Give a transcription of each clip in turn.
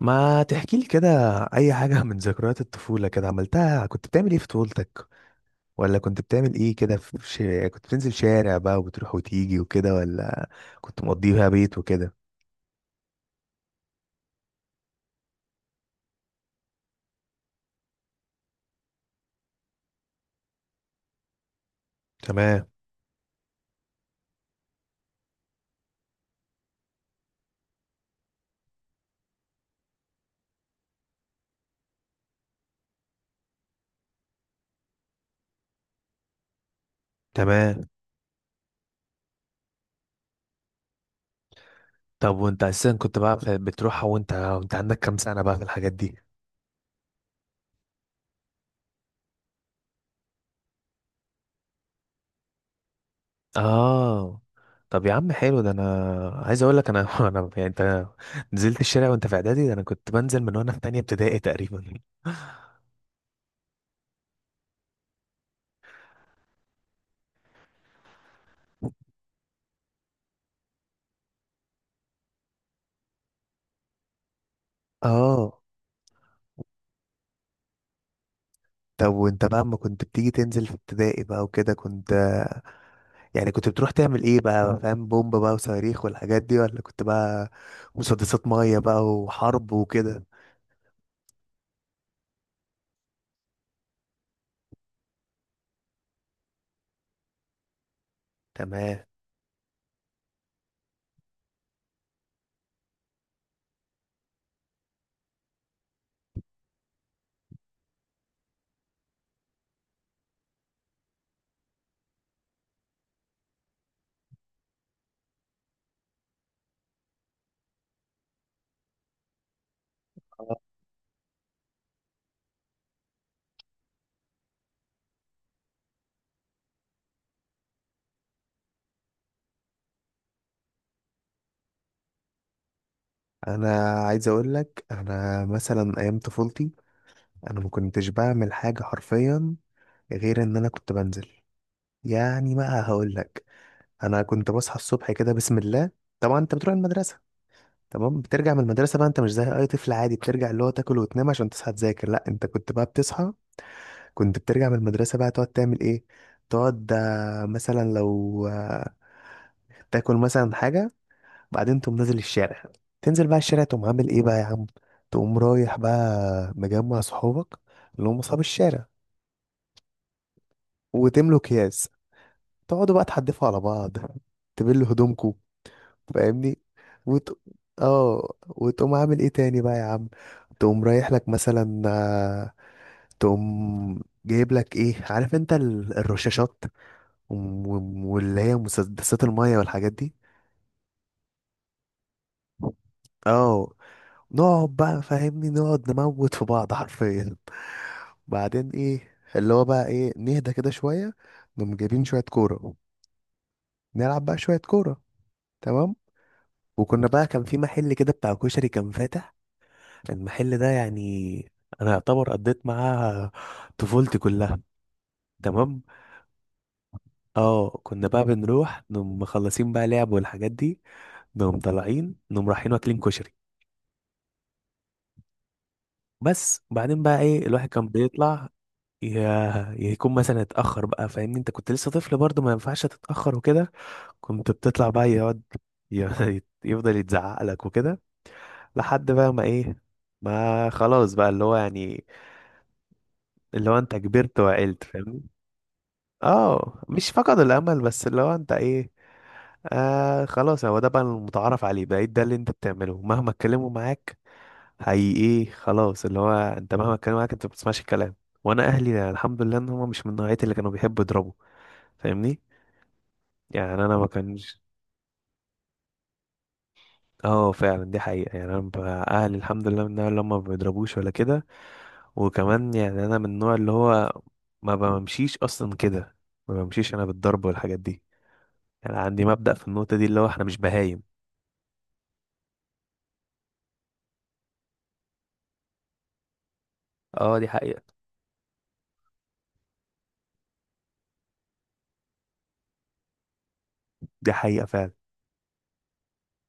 ما تحكي لي كده اي حاجه من ذكريات الطفوله كده عملتها. كنت بتعمل ايه في طفولتك؟ ولا كنت بتعمل ايه كده كنت بتنزل شارع بقى وبتروح وتيجي وكده، ولا كنت مقضيها بيت وكده؟ تمام، تمام. طب وانت اساسا كنت بقى بتروحها وانت عندك كام سنه بقى في الحاجات دي؟ اه. طب يا عم حلو ده، انا عايز اقول لك انا انا يعني انت نزلت الشارع وانت في اعدادي، ده انا كنت بنزل من وانا في تانية ابتدائي تقريبا. اه. طب وانت بقى اما كنت بتيجي تنزل في ابتدائي بقى وكده، كنت يعني كنت بتروح تعمل ايه بقى؟ فاهم، بومب بقى وصواريخ والحاجات دي، ولا كنت بقى مسدسات ميه بقى وحرب وكده؟ تمام. انا عايز اقول لك، انا مثلا ايام طفولتي انا ما كنتش بعمل حاجه حرفيا غير ان انا كنت بنزل. يعني بقى هقول لك، انا كنت بصحى الصبح كده بسم الله. طبعا انت بتروح المدرسه، تمام. بترجع من المدرسه بقى، انت مش زي اي طفل عادي بترجع اللي هو تاكل وتنام عشان تصحى تذاكر. لا انت كنت بقى بتصحى، كنت بترجع من المدرسة بقى تقعد تعمل ايه؟ تقعد، مثلا لو، تاكل مثلا حاجة. بعدين تقوم نازل الشارع، تنزل بقى الشارع، تقوم عامل ايه بقى يا عم؟ تقوم رايح بقى مجمع صحابك اللي هم اصحاب الشارع، وتملوا اكياس، تقعدوا بقى تحدفوا على بعض، تبلوا هدومكوا. فاهمني؟ وت... اه، وتقوم عامل ايه تاني بقى يا عم؟ تقوم رايح لك مثلا، تقوم جايب لك ايه؟ عارف انت الرشاشات واللي هي مسدسات المية والحاجات دي. اه، نقعد بقى فاهمني نقعد نموت في بعض حرفيا. بعدين ايه اللي هو بقى ايه، نهدى كده شوية، نقوم جايبين شوية كورة، نلعب بقى شوية كورة. تمام. وكنا بقى كان في محل كده بتاع كشري كان فاتح، المحل ده يعني انا يعتبر قضيت معاه طفولتي كلها. تمام. اه، كنا بقى بنروح نقوم مخلصين بقى لعب والحاجات دي، نقوم طالعين نقوم رايحين واكلين كشري. بس. وبعدين بقى ايه، الواحد كان بيطلع يكون مثلا اتأخر بقى، فاهمني انت كنت لسه طفل برضه ما ينفعش تتأخر وكده. كنت بتطلع بقى، يقعد يفضل يتزعق لك وكده. لحد بقى ما ايه، ما خلاص بقى اللي هو يعني اللي هو انت كبرت وعقلت، فاهمني. اه مش فقد الامل، بس اللي هو انت ايه، آه خلاص، هو ده بقى المتعارف عليه، بقيت ده اللي انت بتعمله مهما اتكلموا معاك. حقيقي خلاص اللي هو انت مهما اتكلم معاك انت ما بتسمعش الكلام. وانا اهلي يعني الحمد لله ان هم مش من نوعيه اللي كانوا بيحبوا يضربوا، فاهمني. يعني انا ما كانش. اه فعلا دي حقيقه، يعني اهلي الحمد لله من النوع اللي هم ما بيضربوش ولا كده. وكمان يعني انا من النوع اللي هو ما بمشيش اصلا كده، ما بمشيش انا بالضرب والحاجات دي. يعني عندي مبدأ في النقطه دي اللي هو احنا مش بهايم. اه دي حقيقه، دي حقيقه فعلا.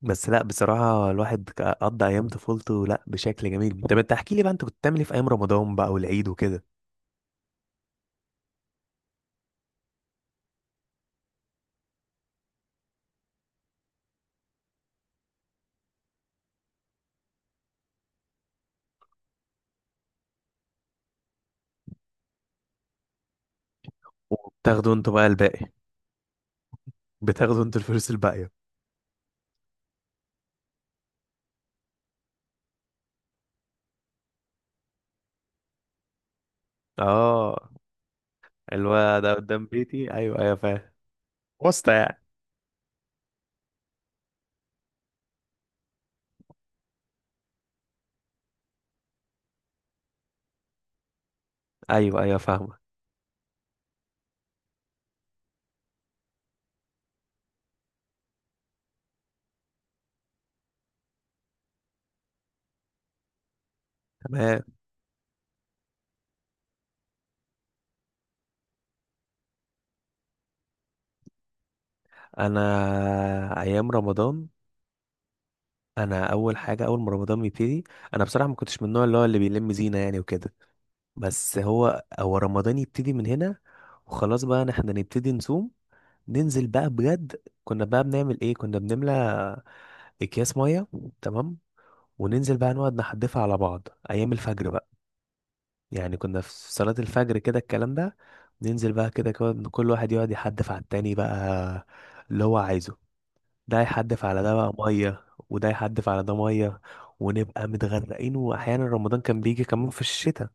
بس لا بصراحة الواحد قضى أيام طفولته لا بشكل جميل. طب أنت احكي لي بقى، أنت كنت بتعمل إيه في أيام رمضان بقى والعيد وكده؟ وبتاخدوا انتوا بقى الباقي؟ بتاخدوا أنتوا الفلوس الباقية؟ أه. الواد ده قدام بيتي، أيوه أيوه فاهم. واسطة يعني. أيوه أيوه فاهمة. تمام. أنا أيام رمضان، أنا أول حاجة أول ما رمضان بيبتدي، أنا بصراحة ما كنتش من النوع اللي هو اللي بيلم زينة يعني وكده. بس هو رمضان يبتدي من هنا، وخلاص بقى إن إحنا نبتدي نصوم. ننزل بقى بجد، كنا بقى بنعمل ايه، كنا بنملى اكياس ميه. تمام. وننزل بقى نقعد نحدفها على بعض ايام الفجر بقى، يعني كنا في صلاة الفجر كده الكلام ده. ننزل بقى كده كل واحد يقعد يحدف على التاني بقى اللي هو عايزه، ده يحدف على ده بقى ميه وده يحدف على ده ميه، ونبقى متغرقين. واحيانا رمضان كان بيجي كمان في الشتاء،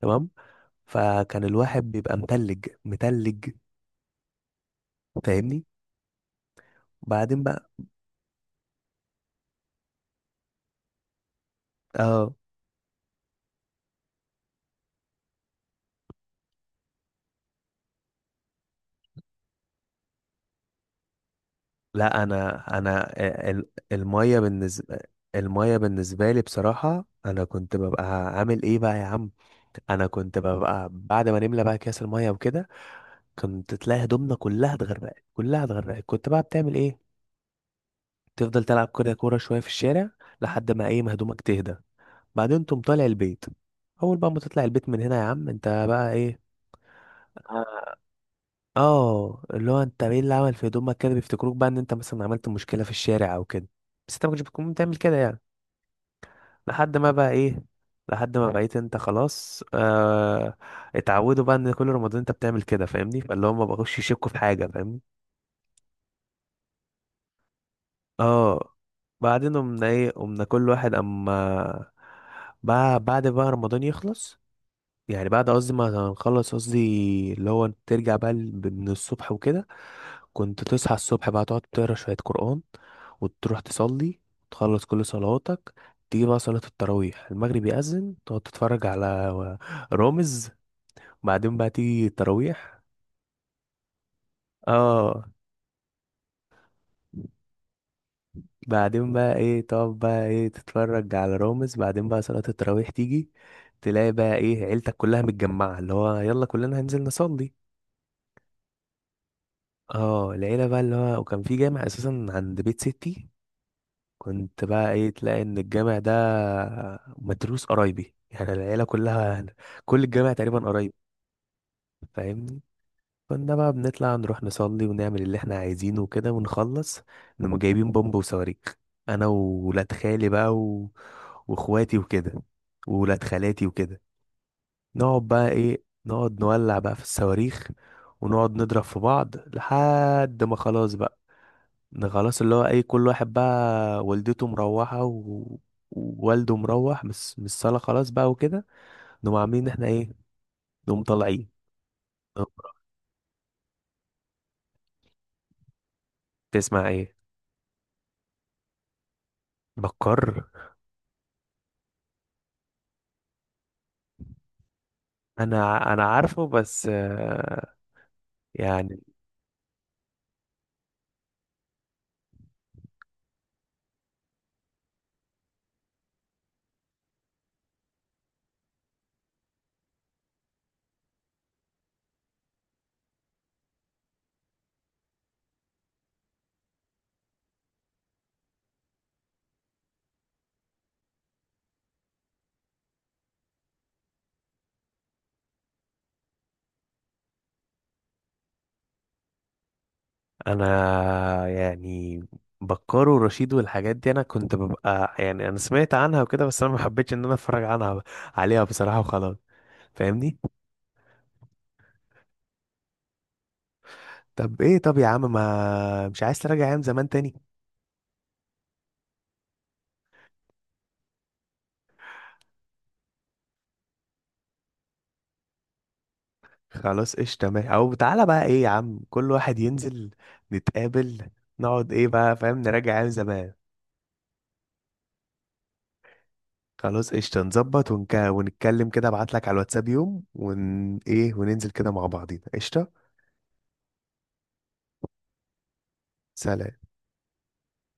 تمام، فكان الواحد بيبقى متلج متلج، فاهمني. بعدين بقى اه، لا انا الميه بالنسبه، الميه بالنسبه لي بصراحه، انا كنت ببقى عامل ايه بقى يا عم؟ انا كنت ببقى بعد ما نملى بقى اكياس الميه وكده، كنت تلاقي هدومنا كلها اتغرقت كلها اتغرقت. كنت بقى بتعمل ايه؟ تفضل تلعب كده كوره شويه في الشارع لحد ما ايه، ما هدومك تهدى. بعدين تقوم طالع البيت، اول بقى ما تطلع البيت من هنا يا عم انت بقى ايه؟ اه، اللي هو انت ايه اللي عمل في هدومك كده، بيفتكروك بقى ان انت مثلا عملت مشكله في الشارع او كده، بس انت ما كنتش بتكون بتعمل كده يعني. لحد ما بقى ايه، لحد ما بقيت انت خلاص، آه اتعودوا بقى ان كل رمضان انت بتعمل كده، فاهمني، فاللي هم بقوش يشكوا في حاجه، فاهمني. اه. بعدين قمنا ايه، قمنا كل واحد اما بقى بعد بقى رمضان يخلص، يعني بعد قصدي ما هنخلص قصدي اللي هو ترجع بقى من الصبح وكده. كنت تصحى الصبح بقى تقعد تقرا شوية قرآن، وتروح تصلي، تخلص كل صلواتك. تيجي بقى صلاة التراويح، المغرب يأذن تقعد تتفرج على رامز، بعدين بقى تيجي التراويح. اه، بعدين بقى ايه تقعد بقى ايه تتفرج على رامز، بعدين بقى صلاة التراويح تيجي، تلاقي بقى ايه عيلتك كلها متجمعة اللي هو يلا كلنا هننزل نصلي. اه، العيلة بقى اللي هو وكان في جامع اساسا عند بيت ستي، كنت بقى ايه تلاقي ان الجامع ده متروس قرايبي، يعني العيلة كلها، كل الجامع تقريبا قرايب، فاهمني. كنا بقى بنطلع نروح نصلي ونعمل اللي احنا عايزينه وكده ونخلص، نقوم جايبين بومب وصواريخ، انا وولاد خالي بقى واخواتي وكده وولاد خالاتي وكده. نقعد بقى ايه نقعد نولع بقى في الصواريخ، ونقعد نضرب في بعض لحد ما خلاص بقى، ده خلاص اللي هو اي كل واحد بقى والدته مروحة ووالده مروح بس من الصالة خلاص بقى وكده. نقوم عاملين إن احنا ايه، نقوم طالعين، نقوم- تسمع ايه؟ بكر. انا انا عارفه بس، يعني انا يعني بكر ورشيد والحاجات دي انا كنت ببقى يعني انا سمعت عنها وكده، بس انا ما حبيتش ان انا اتفرج عنها عليها بصراحة وخلاص، فاهمني. طب ايه، طب يا عم ما مش عايز تراجع ايام زمان تاني؟ خلاص قشطة ماشي، او تعالى بقى ايه يا عم كل واحد ينزل، نتقابل، نقعد ايه بقى فاهم، نراجع ايام زمان. خلاص قشطة، نظبط ونتكلم كده، ابعتلك على الواتساب يوم ون ايه وننزل كده مع بعضينا. قشطة. سلام.